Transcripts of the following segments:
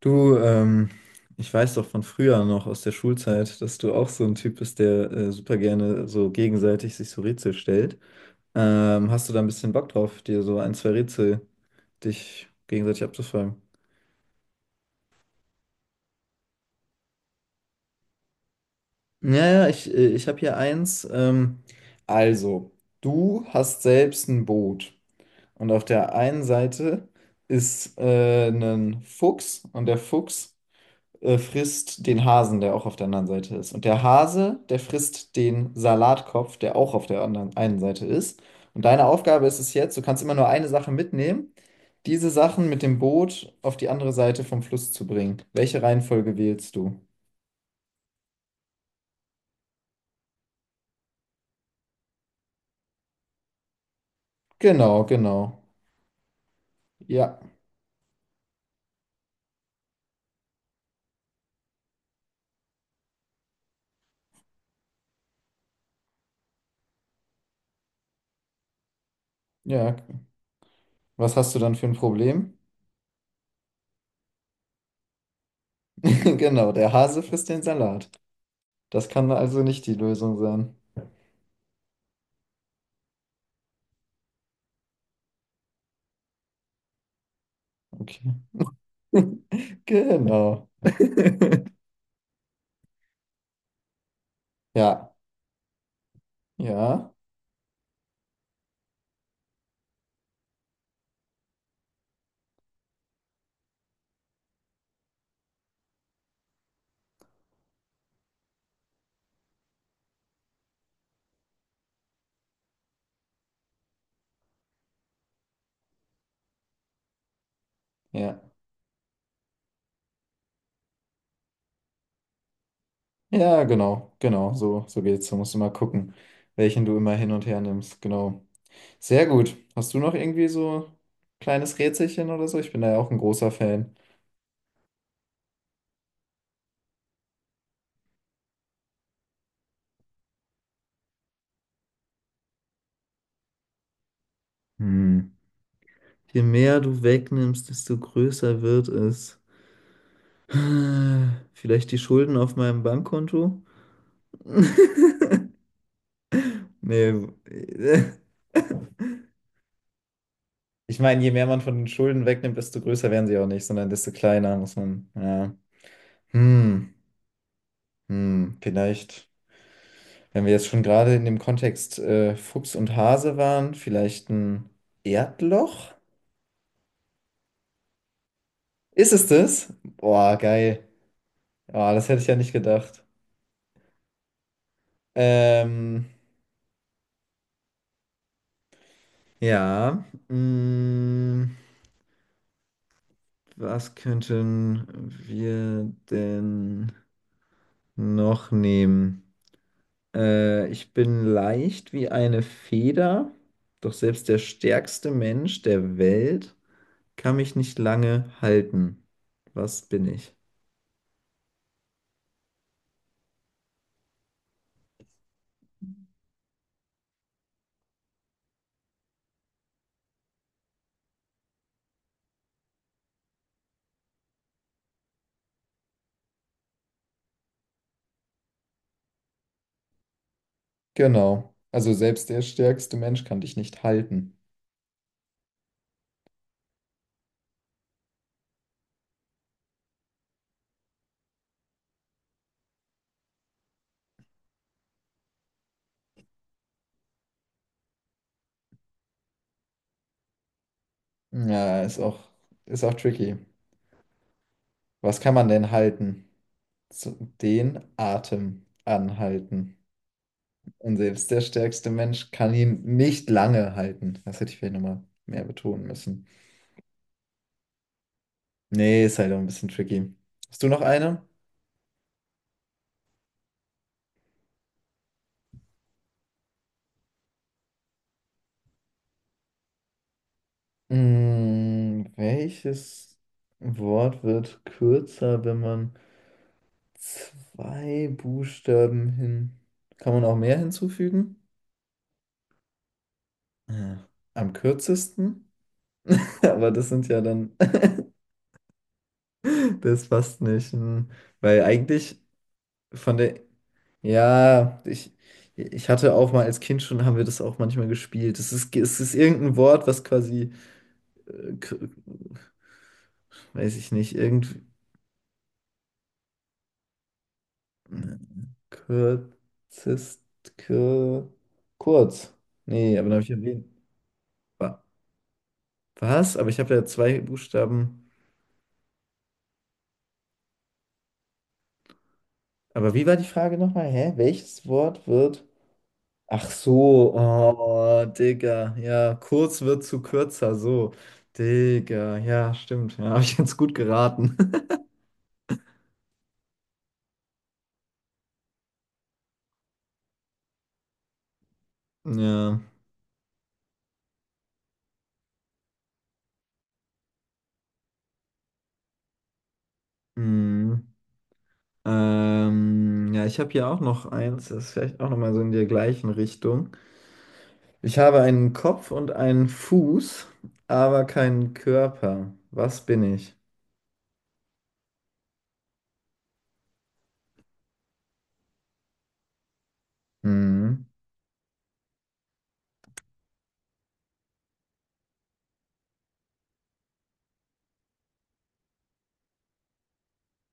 Du, ich weiß doch von früher noch aus der Schulzeit, dass du auch so ein Typ bist, der super gerne so gegenseitig sich so Rätsel stellt. Hast du da ein bisschen Bock drauf, dir so ein, zwei Rätsel dich gegenseitig abzufragen? Ja, ich habe hier eins. Also, du hast selbst ein Boot und auf der einen Seite ist ein Fuchs und der Fuchs frisst den Hasen, der auch auf der anderen Seite ist. Und der Hase, der frisst den Salatkopf, der auch auf der anderen einen Seite ist. Und deine Aufgabe ist es jetzt, du kannst immer nur eine Sache mitnehmen, diese Sachen mit dem Boot auf die andere Seite vom Fluss zu bringen. Welche Reihenfolge wählst du? Genau, genau. Ja, ja. Was hast du dann für ein Problem? Genau, der Hase frisst den Salat. Das kann also nicht die Lösung sein. Okay. Genau. Ja, ja, ja. Ja, genau, genau, so, so geht's. Da musst du mal gucken, welchen du immer hin und her nimmst. Genau. Sehr gut. Hast du noch irgendwie so ein kleines Rätselchen oder so? Ich bin da ja auch ein großer Fan. Hm. Je mehr du wegnimmst, desto größer wird es. Vielleicht die Schulden auf meinem Bankkonto? Nee. Ich meine, je mehr man von den Schulden wegnimmt, desto größer werden sie auch nicht, sondern desto kleiner muss man. Ja. Hm. Hm. Vielleicht. Wenn wir jetzt schon gerade in dem Kontext Fuchs und Hase waren, vielleicht ein Erdloch? Ist es das? Boah, geil. Boah, das hätte ich ja nicht gedacht. Ähm, ja. Mh, was könnten wir denn noch nehmen? Ich bin leicht wie eine Feder, doch selbst der stärkste Mensch der Welt kann mich nicht lange halten. Was bin ich? Genau. Also selbst der stärkste Mensch kann dich nicht halten. Ja, ist auch tricky. Was kann man denn halten? So, den Atem anhalten. Und selbst der stärkste Mensch kann ihn nicht lange halten. Das hätte ich vielleicht nochmal mehr betonen müssen. Nee, ist halt auch ein bisschen tricky. Hast du noch eine? Hm, welches Wort wird kürzer, wenn man zwei Buchstaben hin... Kann man auch mehr hinzufügen? Äh, Am kürzesten, aber das sind ja dann, das passt nicht. Hm. Weil eigentlich von der, ja, ich hatte auch mal als Kind schon, haben wir das auch manchmal gespielt. Es ist irgendein Wort, was quasi, äh, k- weiß ich nicht, irgendwie, kürzest, kür, kurz. Nee, aber dann habe ich erwähnt. Wa- Was? Aber ich habe ja zwei Buchstaben. Aber wie war die Frage nochmal? Hä? Welches Wort wird ach so, oh, Digga, ja, kurz wird zu kürzer, so. Digga, ja, stimmt, ja, habe ich jetzt gut geraten. Ja, hm. Ja, ich habe hier auch noch eins, das ist vielleicht auch nochmal so in der gleichen Richtung. Ich habe einen Kopf und einen Fuß, aber keinen Körper. Was bin ich? Hm.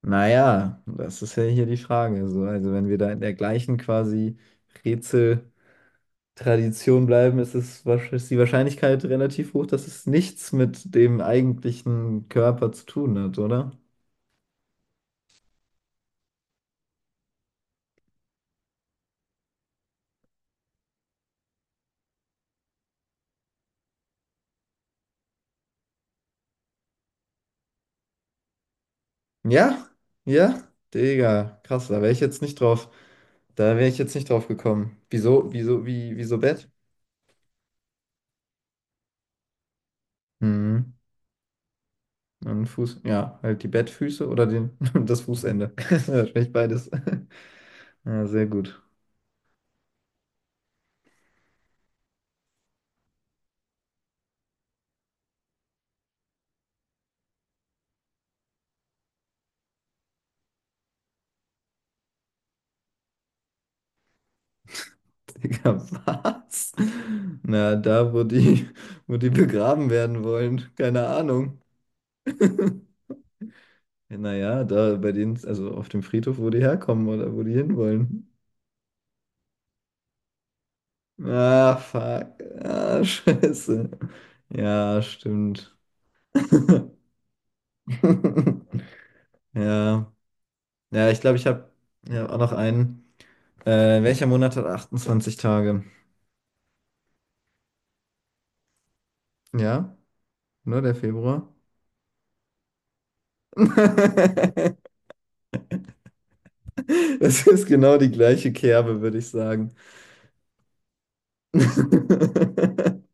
Naja, das ist ja hier die Frage, so. Also, wenn wir da in der gleichen quasi Rätsel. Tradition bleiben, ist es, ist die Wahrscheinlichkeit relativ hoch, dass es nichts mit dem eigentlichen Körper zu tun hat, oder? Ja, ja, Digga, krass, da wäre ich jetzt nicht drauf. Da wäre ich jetzt nicht drauf gekommen. Wieso Bett? Hm, ein Fuß, ja, halt die Bettfüße oder den, das Fußende. Wahrscheinlich beides. Ja, sehr gut. Digga, was? Na, wo die begraben werden wollen, keine Ahnung. Naja, da bei denen, also auf dem Friedhof, wo die herkommen oder wo die hinwollen. Ah, fuck. Ah, scheiße. Ja, stimmt. Ja. Ja, ich glaube, ich habe ja, auch noch einen. Welcher Monat hat 28 Tage? Ja, nur der Februar. Das ist genau die gleiche Kerbe, würde ich sagen.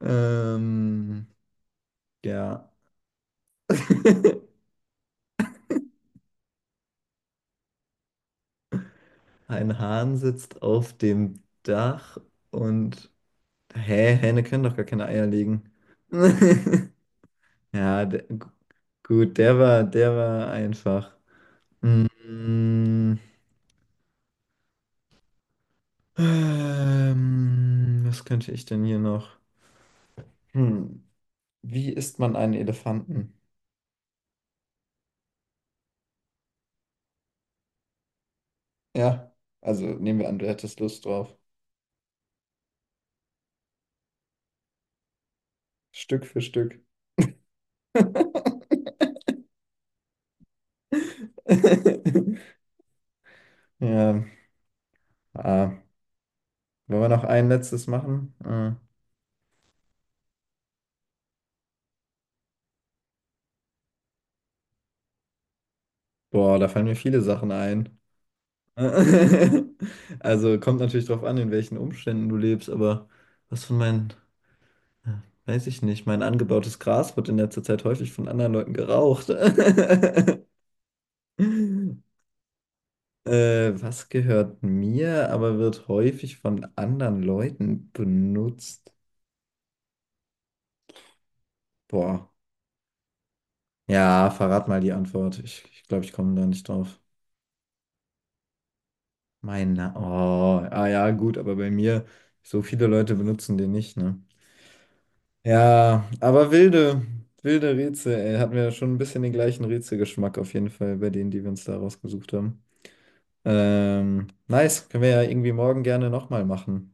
Ähm, ja. Ein Hahn sitzt auf dem Dach und... Hä, Hähne können doch gar keine Eier legen. Ja, gut, der war einfach. Mm, was könnte ich denn hier noch? Hm, wie isst man einen Elefanten? Ja, also nehmen wir an, du hättest Lust drauf. Stück für Stück. Ja, ah, wollen wir noch ein letztes machen? Ah, boah, da fallen mir viele Sachen ein. Also kommt natürlich drauf an, in welchen Umständen du lebst, aber was von meinen, ja, weiß ich nicht, mein angebautes Gras wird in letzter Zeit häufig von anderen Leuten geraucht. Was gehört mir, aber wird häufig von anderen Leuten benutzt? Boah. Ja, verrat mal die Antwort. Ich glaube, ich komme da nicht drauf. Oh, ah ja, gut, aber bei mir, so viele Leute benutzen den nicht, ne? Ja, aber wilde Rätsel, ey. Hatten wir schon ein bisschen den gleichen Rätselgeschmack auf jeden Fall bei denen, die wir uns da rausgesucht haben. Nice, können wir ja irgendwie morgen gerne nochmal machen.